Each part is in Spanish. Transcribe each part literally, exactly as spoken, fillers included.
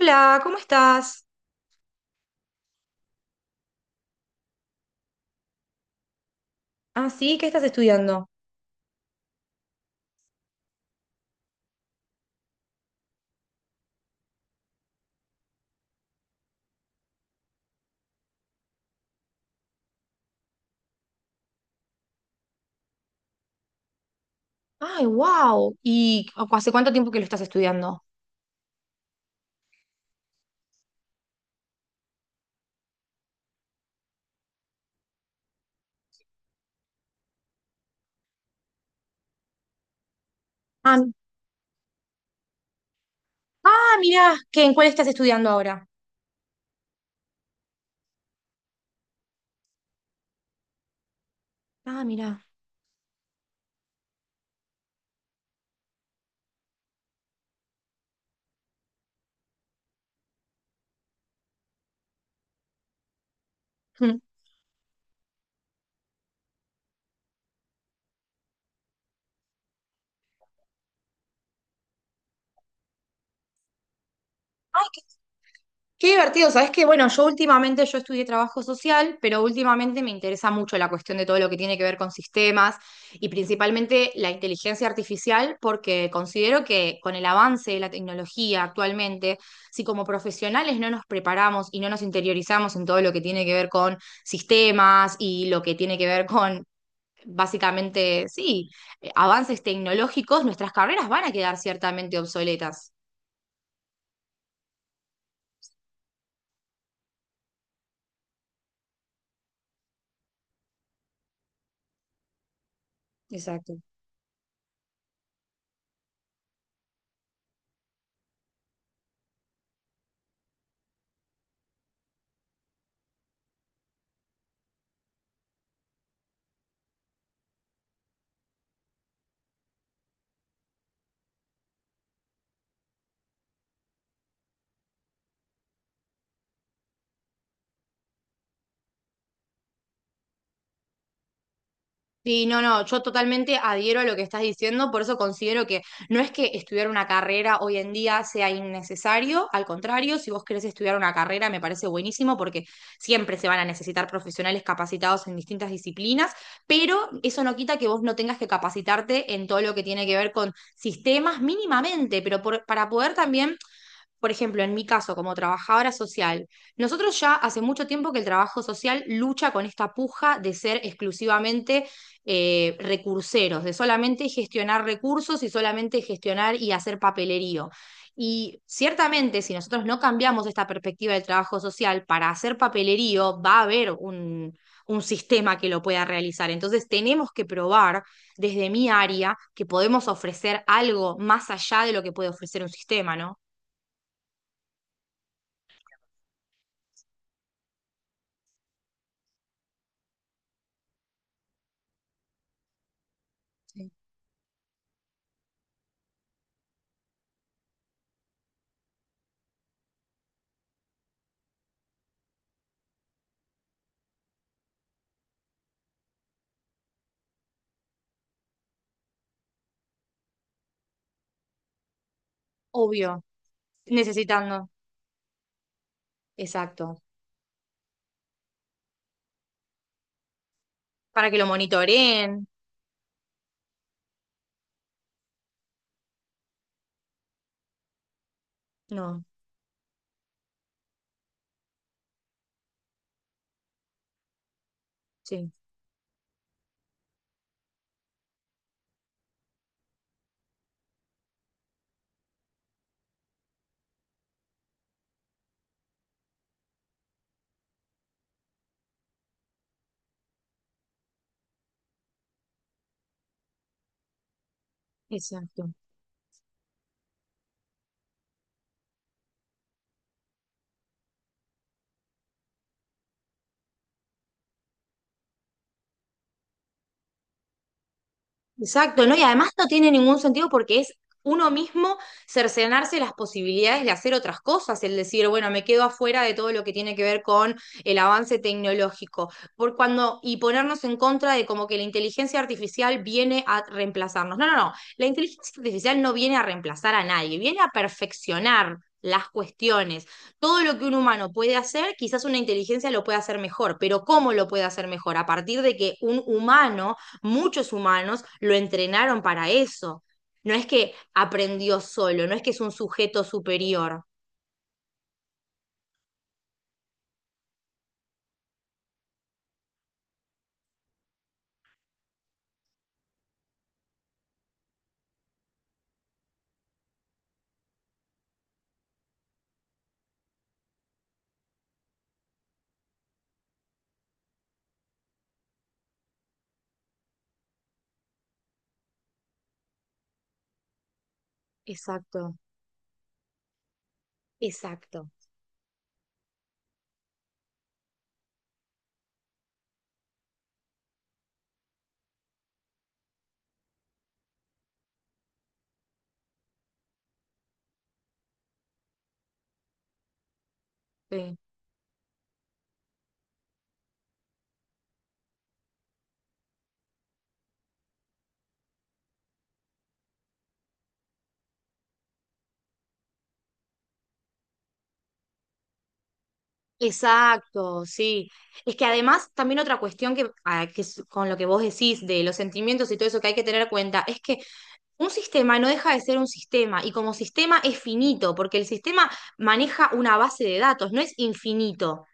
Hola, ¿cómo estás? Ah, sí, ¿qué estás estudiando? Ay, wow. ¿Y cu- ¿hace cuánto tiempo que lo estás estudiando? Ah, mi- ah, mirá, ¿qué, en cuál estás estudiando ahora? Ah, mirá. Mm. Ay, qué divertido, sabes que bueno, yo últimamente yo estudié trabajo social, pero últimamente me interesa mucho la cuestión de todo lo que tiene que ver con sistemas y principalmente la inteligencia artificial, porque considero que con el avance de la tecnología actualmente, si como profesionales no nos preparamos y no nos interiorizamos en todo lo que tiene que ver con sistemas y lo que tiene que ver con básicamente, sí, eh, avances tecnológicos, nuestras carreras van a quedar ciertamente obsoletas. Exacto. Sí, no, no, yo totalmente adhiero a lo que estás diciendo, por eso considero que no es que estudiar una carrera hoy en día sea innecesario, al contrario, si vos querés estudiar una carrera me parece buenísimo porque siempre se van a necesitar profesionales capacitados en distintas disciplinas, pero eso no quita que vos no tengas que capacitarte en todo lo que tiene que ver con sistemas mínimamente, pero por- para poder también, por ejemplo, en mi caso como trabajadora social, nosotros ya hace mucho tiempo que el trabajo social lucha con esta puja de ser exclusivamente eh, recurseros, de solamente gestionar recursos y solamente gestionar y hacer papelerío. Y ciertamente, si nosotros no cambiamos esta perspectiva del trabajo social para hacer papelerío, va a haber un, un sistema que lo pueda realizar. Entonces, tenemos que probar desde mi área que podemos ofrecer algo más allá de lo que puede ofrecer un sistema, ¿no? Obvio, necesitando, exacto, para que lo monitoreen. No, sí, exacto. Exacto, ¿no? Y además no tiene ningún sentido porque es uno mismo cercenarse las posibilidades de hacer otras cosas, el decir, bueno, me quedo afuera de todo lo que tiene que ver con el avance tecnológico, por cuando, y ponernos en contra de como que la inteligencia artificial viene a reemplazarnos. No, no, no, la inteligencia artificial no viene a reemplazar a nadie, viene a perfeccionar las cuestiones. Todo lo que un humano puede hacer, quizás una inteligencia lo puede hacer mejor, pero ¿cómo lo puede hacer mejor? A partir de que un humano muchos humanos lo entrenaron para eso. No es que aprendió solo, no es que es un sujeto superior. Exacto, exacto. Sí. Exacto, sí. Es que además también otra cuestión que, ah, que es con lo que vos decís de los sentimientos y todo eso que hay que tener en cuenta es que un sistema no deja de ser un sistema y como sistema es finito porque el sistema maneja una base de datos, no es infinito.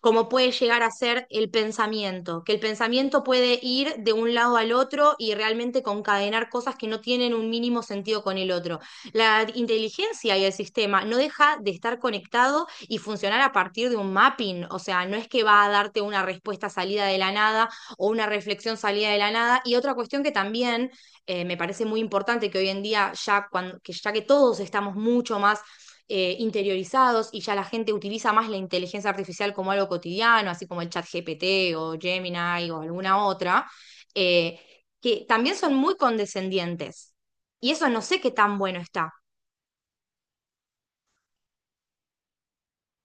Como puede llegar a ser el pensamiento, que el pensamiento puede ir de un lado al otro y realmente concadenar cosas que no tienen un mínimo sentido con el otro. La inteligencia y el sistema no deja de estar conectado y funcionar a partir de un mapping, o sea, no es que va a darte una respuesta salida de la nada o una reflexión salida de la nada. Y otra cuestión que también, eh, me parece muy importante que hoy en día, ya, cuando, que ya que todos estamos mucho más eh, interiorizados y ya la gente utiliza más la inteligencia artificial como algo cotidiano, así como el ChatGPT o Gemini o alguna otra, eh, que también son muy condescendientes. Y eso no sé qué tan bueno está,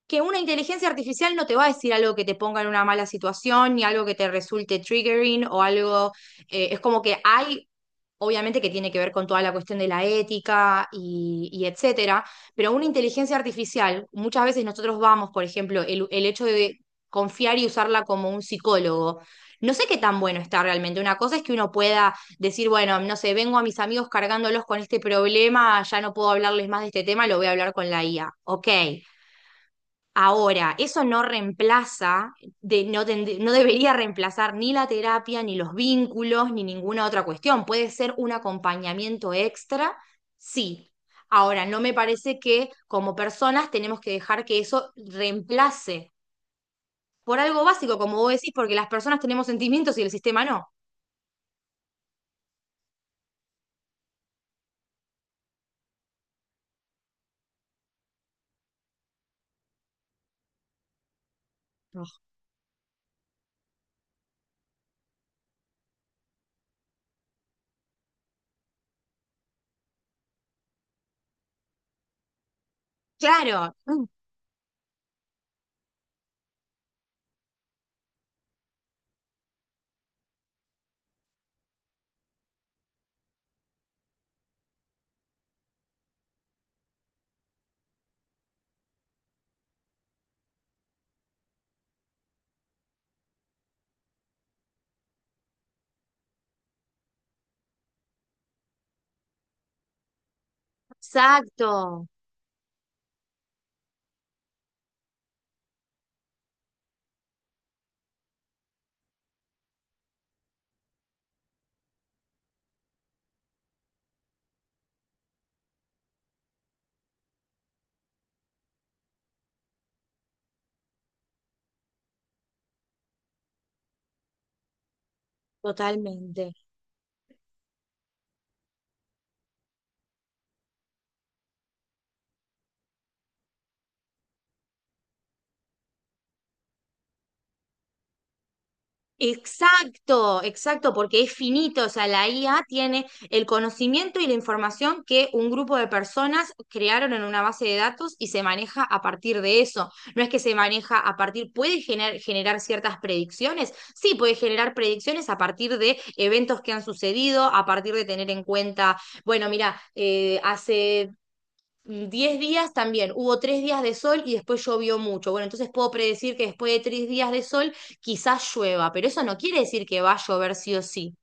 que una inteligencia artificial no te va a decir algo que te ponga en una mala situación, ni algo que te resulte triggering o algo, eh, es como que hay, obviamente que tiene que ver con toda la cuestión de la ética y, y etcétera, pero una inteligencia artificial, muchas veces nosotros vamos, por ejemplo, el, el hecho de confiar y usarla como un psicólogo. No sé qué tan bueno está realmente. Una cosa es que uno pueda decir, bueno, no sé, vengo a mis amigos cargándolos con este problema, ya no puedo hablarles más de este tema, lo voy a hablar con la I A. Ok, ahora, eso no reemplaza, de, no, tend- no debería reemplazar ni la terapia, ni los vínculos, ni ninguna otra cuestión. Puede ser un acompañamiento extra, sí. Ahora, no me parece que como personas tenemos que dejar que eso reemplace por algo básico, como vos decís, porque las personas tenemos sentimientos y el sistema no. No. Claro, mm, exacto, totalmente. Exacto, exacto, porque es finito, o sea, la I A tiene el conocimiento y la información que un grupo de personas crearon en una base de datos y se maneja a partir de eso. No es que se maneja a partir, puede gener- generar ciertas predicciones, sí, puede generar predicciones a partir de eventos que han sucedido, a partir de tener en cuenta, bueno, mira, eh, hace mm, diez días también, hubo tres días de sol y después llovió mucho. Bueno, entonces puedo predecir que después de tres días de sol quizás llueva, pero eso no quiere decir que va a llover sí o sí.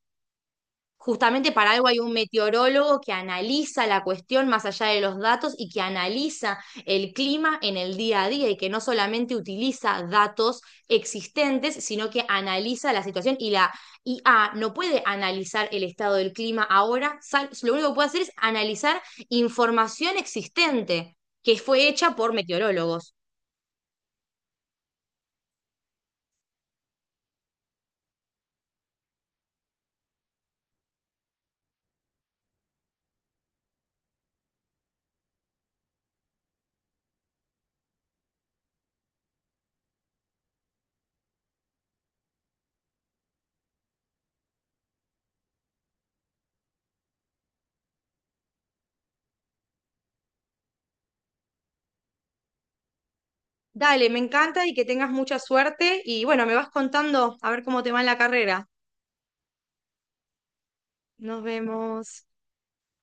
Justamente para algo hay un meteorólogo que analiza la cuestión más allá de los datos y que analiza el clima en el día a día y que no solamente utiliza datos existentes, sino que analiza la situación y la I A no puede analizar el estado del clima ahora, sal- lo único que puede hacer es analizar información existente que fue hecha por meteorólogos. Dale, me encanta y que tengas mucha suerte y bueno, me vas contando a ver cómo te va en la carrera. Nos vemos.